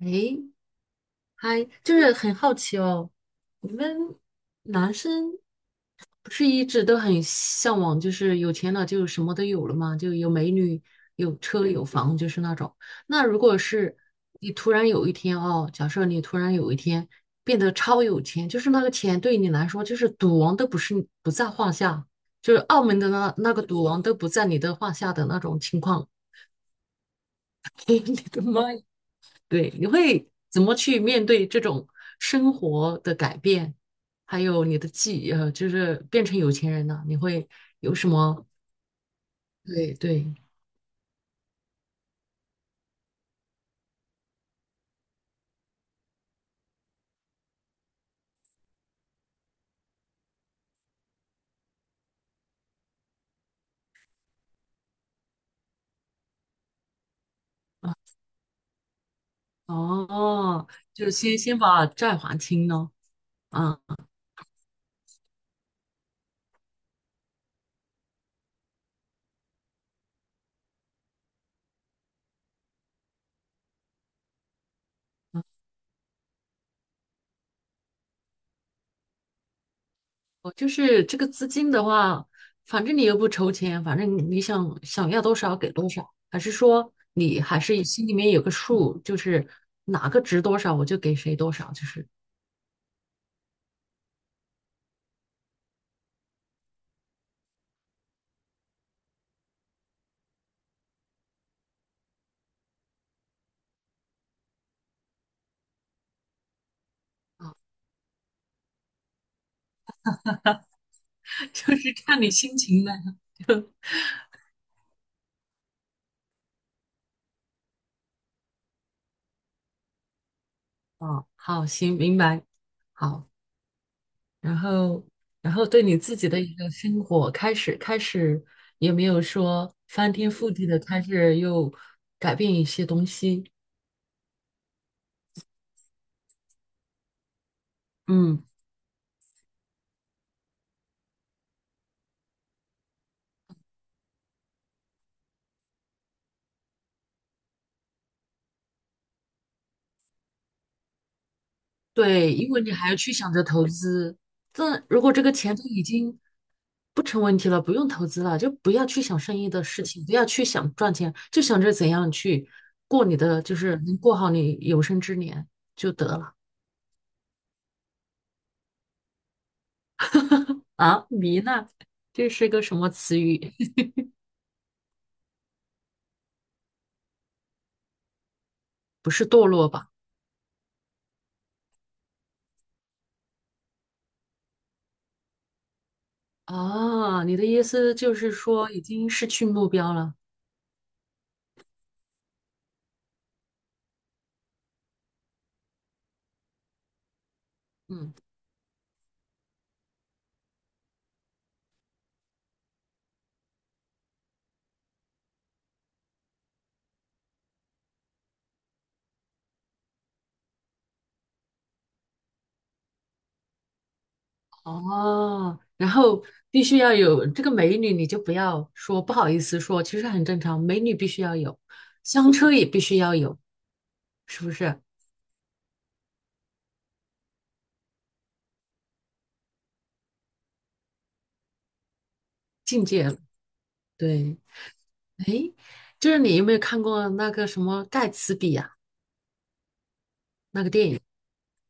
诶，嗨，就是很好奇哦，你们男生不是一直都很向往，就是有钱了就什么都有了嘛，就有美女、有车、有房，就是那种。那如果是你突然有一天哦，假设你突然有一天变得超有钱，就是那个钱对你来说就是赌王都不是不在话下，就是澳门的那个赌王都不在你的话下的那种情况，你的妈呀！对，你会怎么去面对这种生活的改变，还有你的技，就是变成有钱人呢？你会有什么？对对，哦，就是先把债还清咯。啊，哦就是这个资金的话，反正你又不筹钱，反正你想要多少给多少，还是说你还是心里面有个数，就是哪个值多少我就给谁多少，就是 就是看你心情了。哦，好，行，明白。好，然后，然后对你自己的一个生活开始，开始也没有说翻天覆地的开始又改变一些东西。嗯，对，因为你还要去想着投资。这如果这个钱都已经不成问题了，不用投资了，就不要去想生意的事情，不要去想赚钱，就想着怎样去过你的，就是能过好你有生之年就得了。啊，迷呢？这是个什么词语？不是堕落吧？啊，你的意思就是说已经失去目标了。嗯，哦，然后必须要有这个美女，你就不要说不好意思说，其实很正常，美女必须要有，香车也必须要有，是不是？境界了对，哎，就是你有没有看过那个什么盖茨比呀、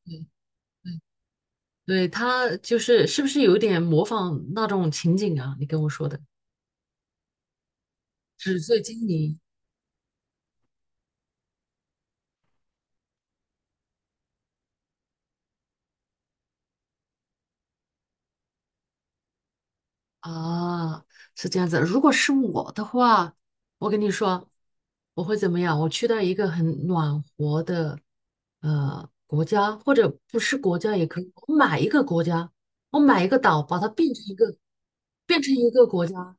对对，他就是是不是有点模仿那种情景啊？你跟我说的纸醉金迷。啊，是这样子。如果是我的话，我跟你说，我会怎么样？我去到一个很暖和的国家，或者不是国家也可以，我买一个国家，我买一个岛，把它变成一个变成一个国家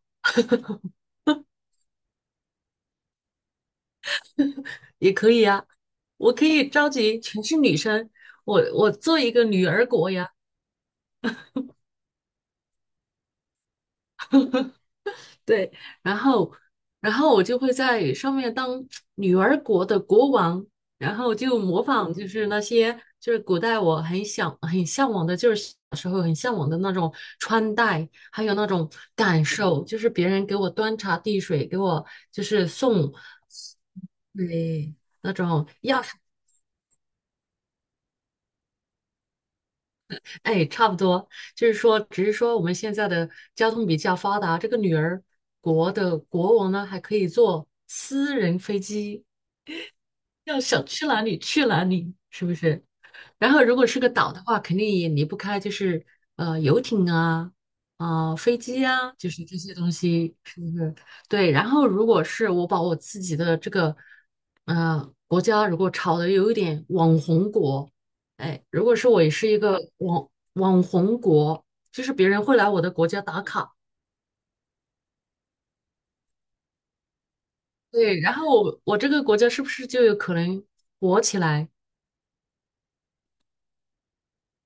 也可以呀。我可以召集全是女生，我做一个女儿国呀。对，然后，然后我就会在上面当女儿国的国王，然后就模仿，就是那些就是古代我很想很向往的，就是小时候很向往的那种穿戴，还有那种感受，就是别人给我端茶递水，给我就是送，对，那种钥匙，哎，差不多，就是说，只是说我们现在的交通比较发达，这个女儿国的国王呢，还可以坐私人飞机。要想去哪里去哪里，是不是？然后如果是个岛的话，肯定也离不开就是游艇啊，啊、飞机啊，就是这些东西，是不是？对。然后如果是我把我自己的这个国家如果炒的有一点网红国，哎，如果是我也是一个网红国，就是别人会来我的国家打卡，对。然后我这个国家是不是就有可能火起来？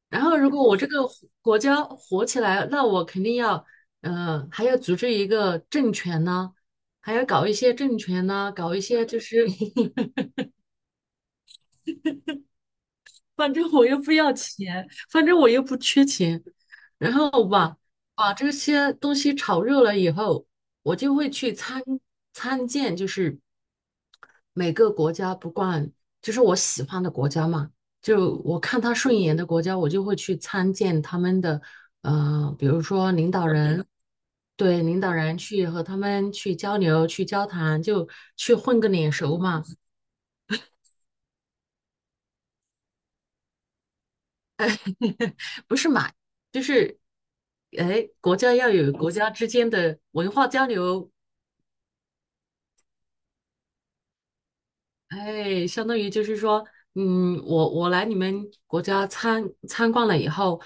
然后，如果我这个火国家火起来，那我肯定要，呃，还要组织一个政权呢，还要搞一些政权呢，搞一些就是，反正我又不要钱，反正我又不缺钱，然后把把这些东西炒热了以后，我就会去参见，就是每个国家不管就是我喜欢的国家嘛，就我看他顺眼的国家，我就会去参见他们的，呃，比如说领导人，对领导人去和他们去交流、去交谈，就去混个脸熟嘛，不是买，就是。哎，国家要有国家之间的文化交流，哎，相当于就是说，嗯，我来你们国家参观了以后，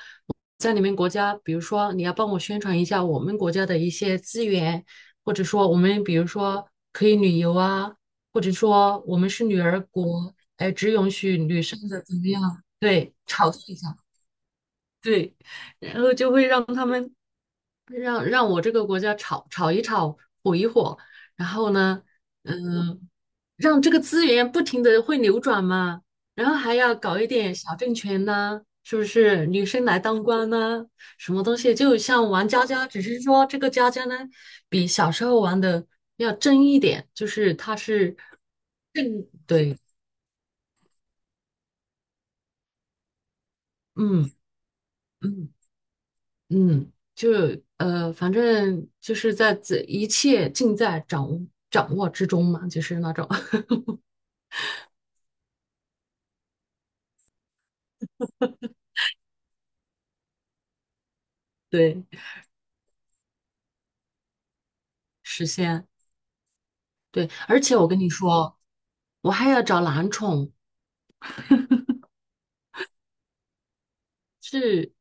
在你们国家，比如说你要帮我宣传一下我们国家的一些资源，或者说我们比如说可以旅游啊，或者说我们是女儿国，或者怎么样，对，炒作一下，对，然后就会让他们让让我这个国家炒一炒，火一火，然后呢，嗯，让这个资源不停的会流转嘛，然后还要搞一点小政权呐、是不是？女生来当官呐、什么东西？就像玩家家，只是说这个家家呢，比小时候玩的要真一点，就是它是更对，嗯嗯嗯，就反正就是在这一切尽在掌握之中嘛，就是那种。对，实现对，而且我跟你说，我还要找男宠，是，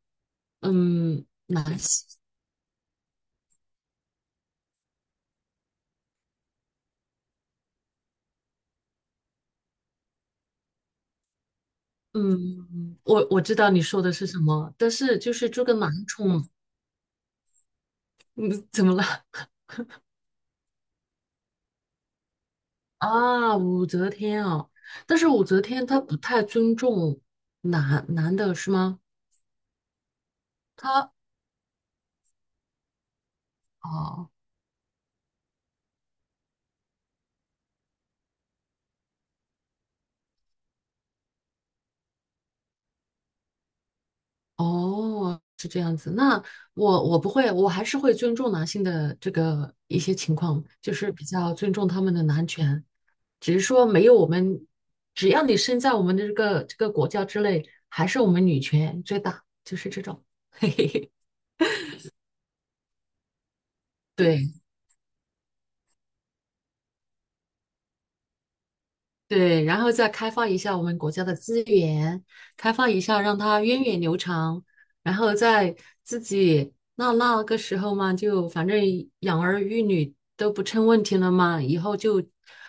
嗯，男性，嗯，我知道你说的是什么，但是就是这个男宠，嗯，怎么了？啊，武则天啊，但是武则天她不太尊重男的是吗？她啊，哦哦，是这样子。那我不会，我还是会尊重男性的这个一些情况，就是比较尊重他们的男权，只是说没有我们，只要你身在我们的这个国家之内，还是我们女权最大，就是这种。嘿嘿嘿，对。对，然后再开发一下我们国家的资源，开发一下让它源远流长，然后在自己那个时候嘛，就反正养儿育女都不成问题了嘛，以后就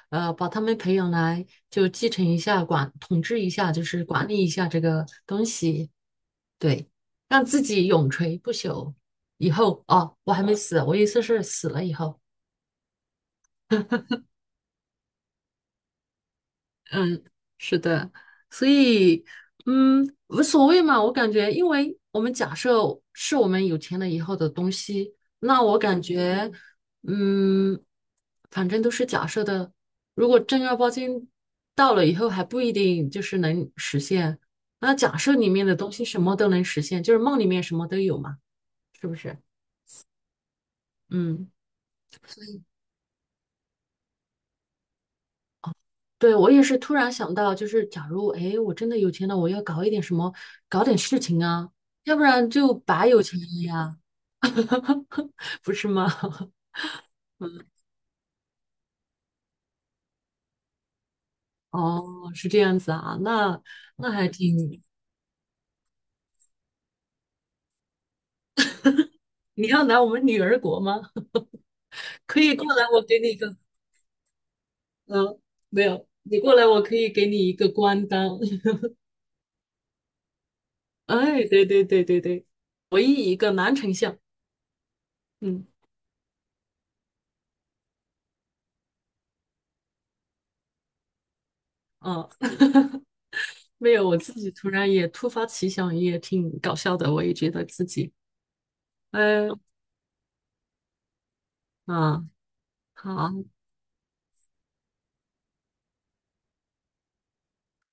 把他们培养来，就继承一下管统治一下，就是管理一下这个东西，对，让自己永垂不朽。以后哦，我还没死，我意思是死了以后。嗯，是的，所以，嗯，无所谓嘛。我感觉，因为我们假设是我们有钱了以后的东西，那我感觉，嗯，反正都是假设的。如果正儿八经到了以后，还不一定就是能实现。那假设里面的东西什么都能实现，就是梦里面什么都有嘛，是不是？嗯对，我也是突然想到，就是假如，哎，我真的有钱了，我要搞一点什么，搞点事情啊，要不然就白有钱了呀，不是吗？哦，是这样子啊，那那还挺，你要来我们女儿国吗？可以过来，我给你一个，嗯，没有，你过来，我可以给你一个官当。哎，对对对对对，唯一一个男丞相。嗯嗯，没有，我自己突然也突发奇想，也挺搞笑的，我也觉得自己。嗯，嗯，好，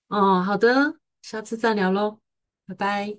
哦，好的，下次再聊喽，拜拜。